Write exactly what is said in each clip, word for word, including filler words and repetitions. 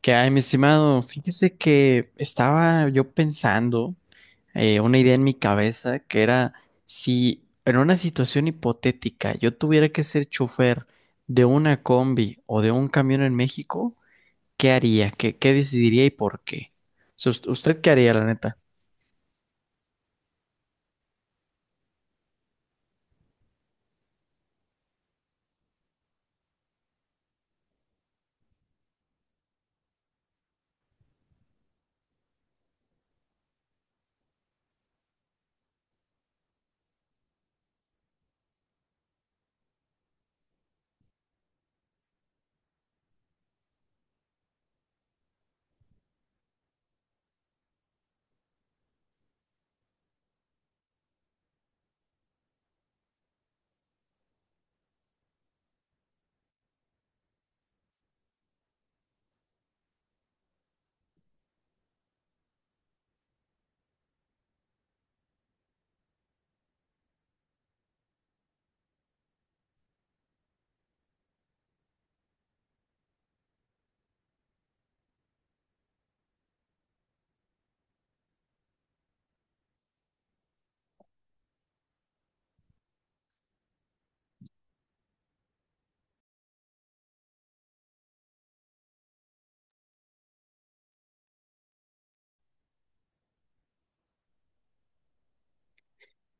¿Qué hay, mi estimado? Fíjese que estaba yo pensando eh, una idea en mi cabeza que era si en una situación hipotética yo tuviera que ser chofer de una combi o de un camión en México, ¿qué haría? ¿Qué, qué decidiría y por qué? O sea, ¿Usted usted qué haría, la neta?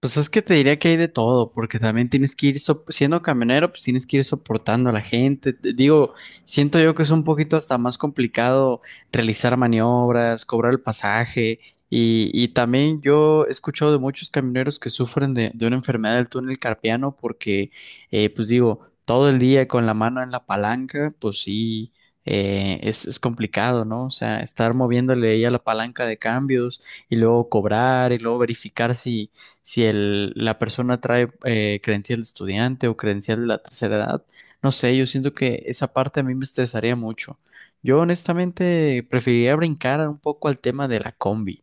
Pues es que te diría que hay de todo, porque también tienes que ir, sop- siendo camionero, pues tienes que ir soportando a la gente. Te digo, siento yo que es un poquito hasta más complicado realizar maniobras, cobrar el pasaje, y, y también yo he escuchado de muchos camioneros que sufren de, de una enfermedad del túnel carpiano, porque, eh, pues digo, todo el día con la mano en la palanca, pues sí, eh, es, es complicado, ¿no? O sea, estar moviéndole ahí a la palanca de cambios y luego cobrar y luego verificar si si el, la persona trae eh, credencial de estudiante o credencial de la tercera edad. No sé, yo siento que esa parte a mí me estresaría mucho. Yo honestamente preferiría brincar un poco al tema de la combi.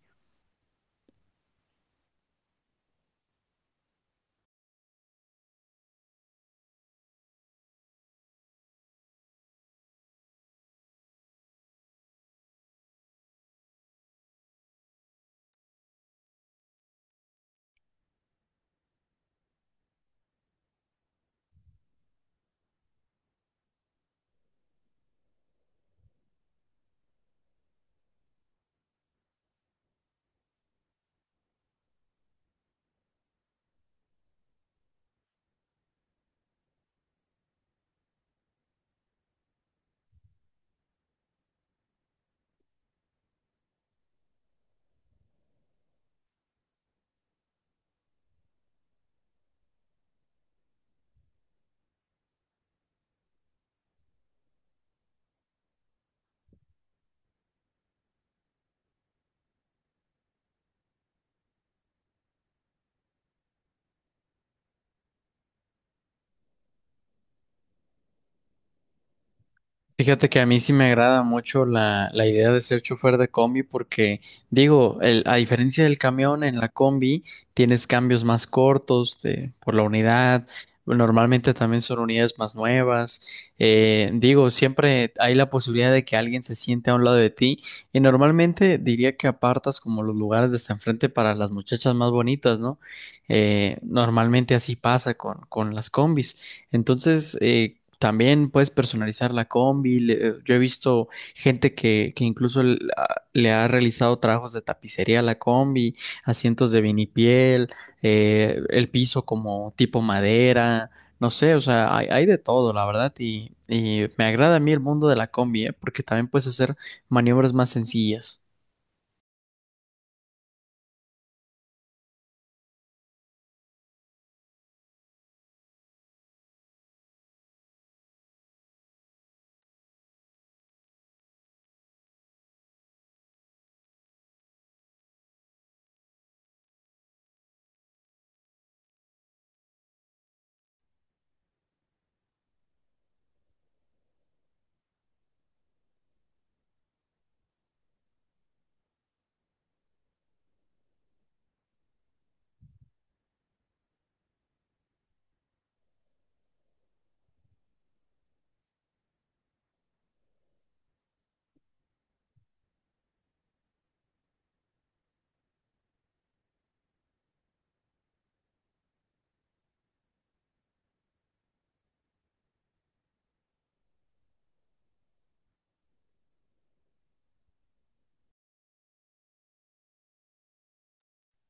Fíjate que a mí sí me agrada mucho la, la idea de ser chofer de combi porque, digo, el- a diferencia del camión, en la combi tienes cambios más cortos de- por la unidad, normalmente también son unidades más nuevas, eh, digo, siempre hay la posibilidad de que alguien se siente a un lado de ti y normalmente diría que apartas como los lugares de hasta enfrente para las muchachas más bonitas, ¿no? Eh, normalmente así pasa con, con las combis. Entonces, eh, también puedes personalizar la combi. Le- yo he visto gente que, que incluso l- a- le ha realizado trabajos de tapicería a la combi, asientos de vinipiel, eh, el piso como tipo madera. No sé, o sea, hay, hay de todo, la verdad, y, y me agrada a mí el mundo de la combi, ¿eh? Porque también puedes hacer maniobras más sencillas.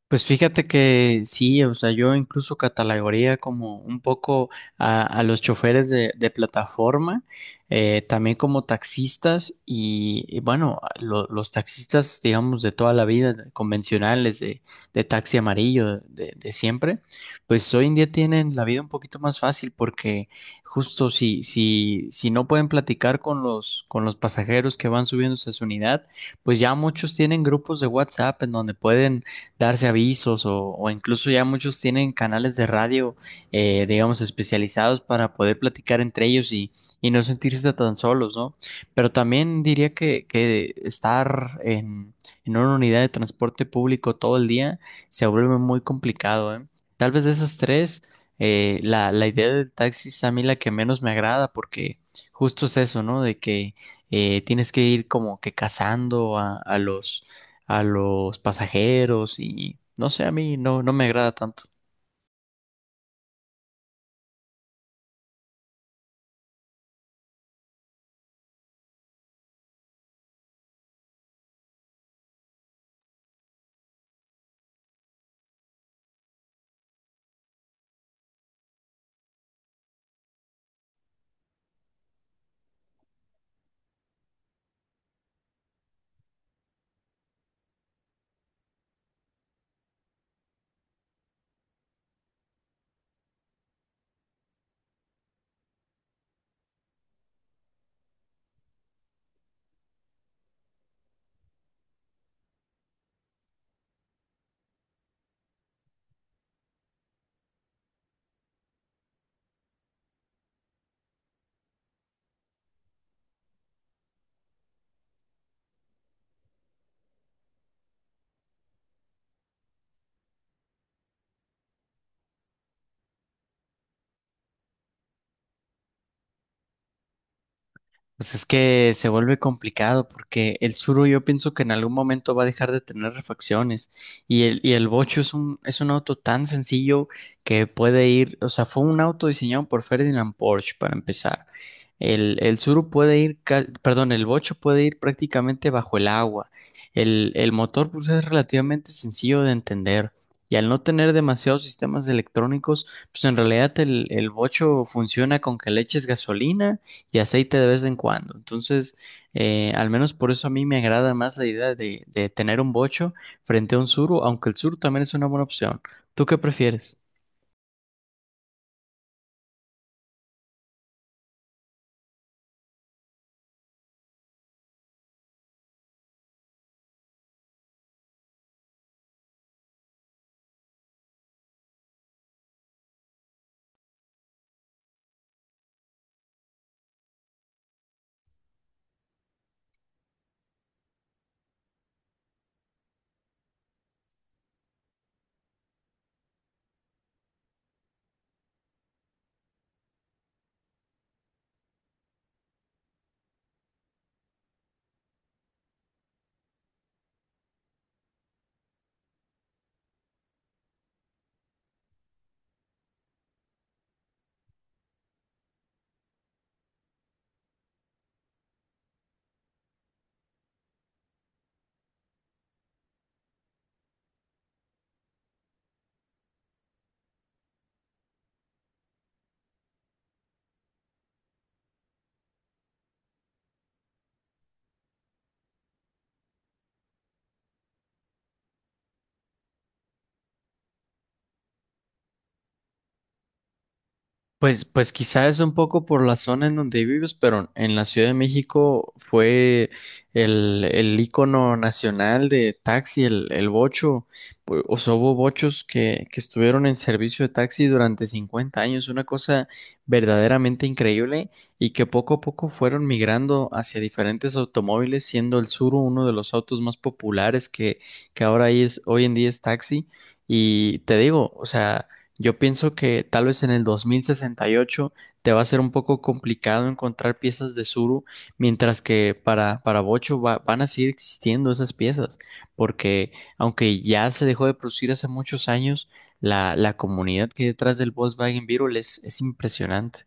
Pues fíjate que sí, o sea, yo incluso catalogaría como un poco a, a los choferes de, de plataforma, eh, también como taxistas y, y bueno, lo- los taxistas, digamos, de toda la vida, de- convencionales, de, de taxi amarillo, de, de siempre, pues hoy en día tienen la vida un poquito más fácil porque justo si, si, si no pueden platicar con los, con los pasajeros que van subiéndose a su unidad, pues ya muchos tienen grupos de WhatsApp en donde pueden darse avisos o, o incluso ya muchos tienen canales de radio, eh, digamos, especializados para poder platicar entre ellos y, y no sentirse tan solos, ¿no? Pero también diría que, que estar en, en una unidad de transporte público todo el día se vuelve muy complicado, ¿eh? Tal vez de esas tres, eh, la, la idea del taxi es a mí la que menos me agrada porque justo es eso, ¿no? De que eh, tienes que ir como que cazando a, a los a los pasajeros y no sé, a mí no, no me agrada tanto. Pues es que se vuelve complicado porque el Suro yo pienso que en algún momento va a dejar de tener refacciones y el, y el Bocho es un, es un auto tan sencillo que puede ir, o sea, fue un auto diseñado por Ferdinand Porsche para empezar. El, el Tsuru puede ir, ca- perdón, el Bocho puede ir prácticamente bajo el agua. El, el motor pues es relativamente sencillo de entender y al no tener demasiados sistemas electrónicos, pues en realidad el, el Bocho funciona con que le eches gasolina y aceite de vez en cuando. Entonces, eh, al menos por eso a mí me agrada más la idea de, de tener un Bocho frente a un Suro, aunque el Suru también es una buena opción. ¿Tú qué prefieres? Pues, pues quizás es un poco por la zona en donde vives, pero en la Ciudad de México fue el, el ícono nacional de taxi, el, el Bocho. Pu- O sea, hubo bochos que, que estuvieron en servicio de taxi durante cincuenta años, una cosa verdaderamente increíble y que poco a poco fueron migrando hacia diferentes automóviles, siendo el Suro uno de los autos más populares que, que ahora es, hoy en día es taxi. Y te digo, o sea... Yo pienso que tal vez en el dos mil sesenta y ocho te va a ser un poco complicado encontrar piezas de Zuru, mientras que para, para Bocho va- van a seguir existiendo esas piezas, porque aunque ya se dejó de producir hace muchos años, la, la comunidad que hay detrás del Volkswagen Beetle es, es impresionante.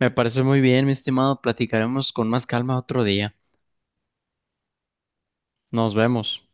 Me parece muy bien, mi estimado, platicaremos con más calma otro día. Nos vemos.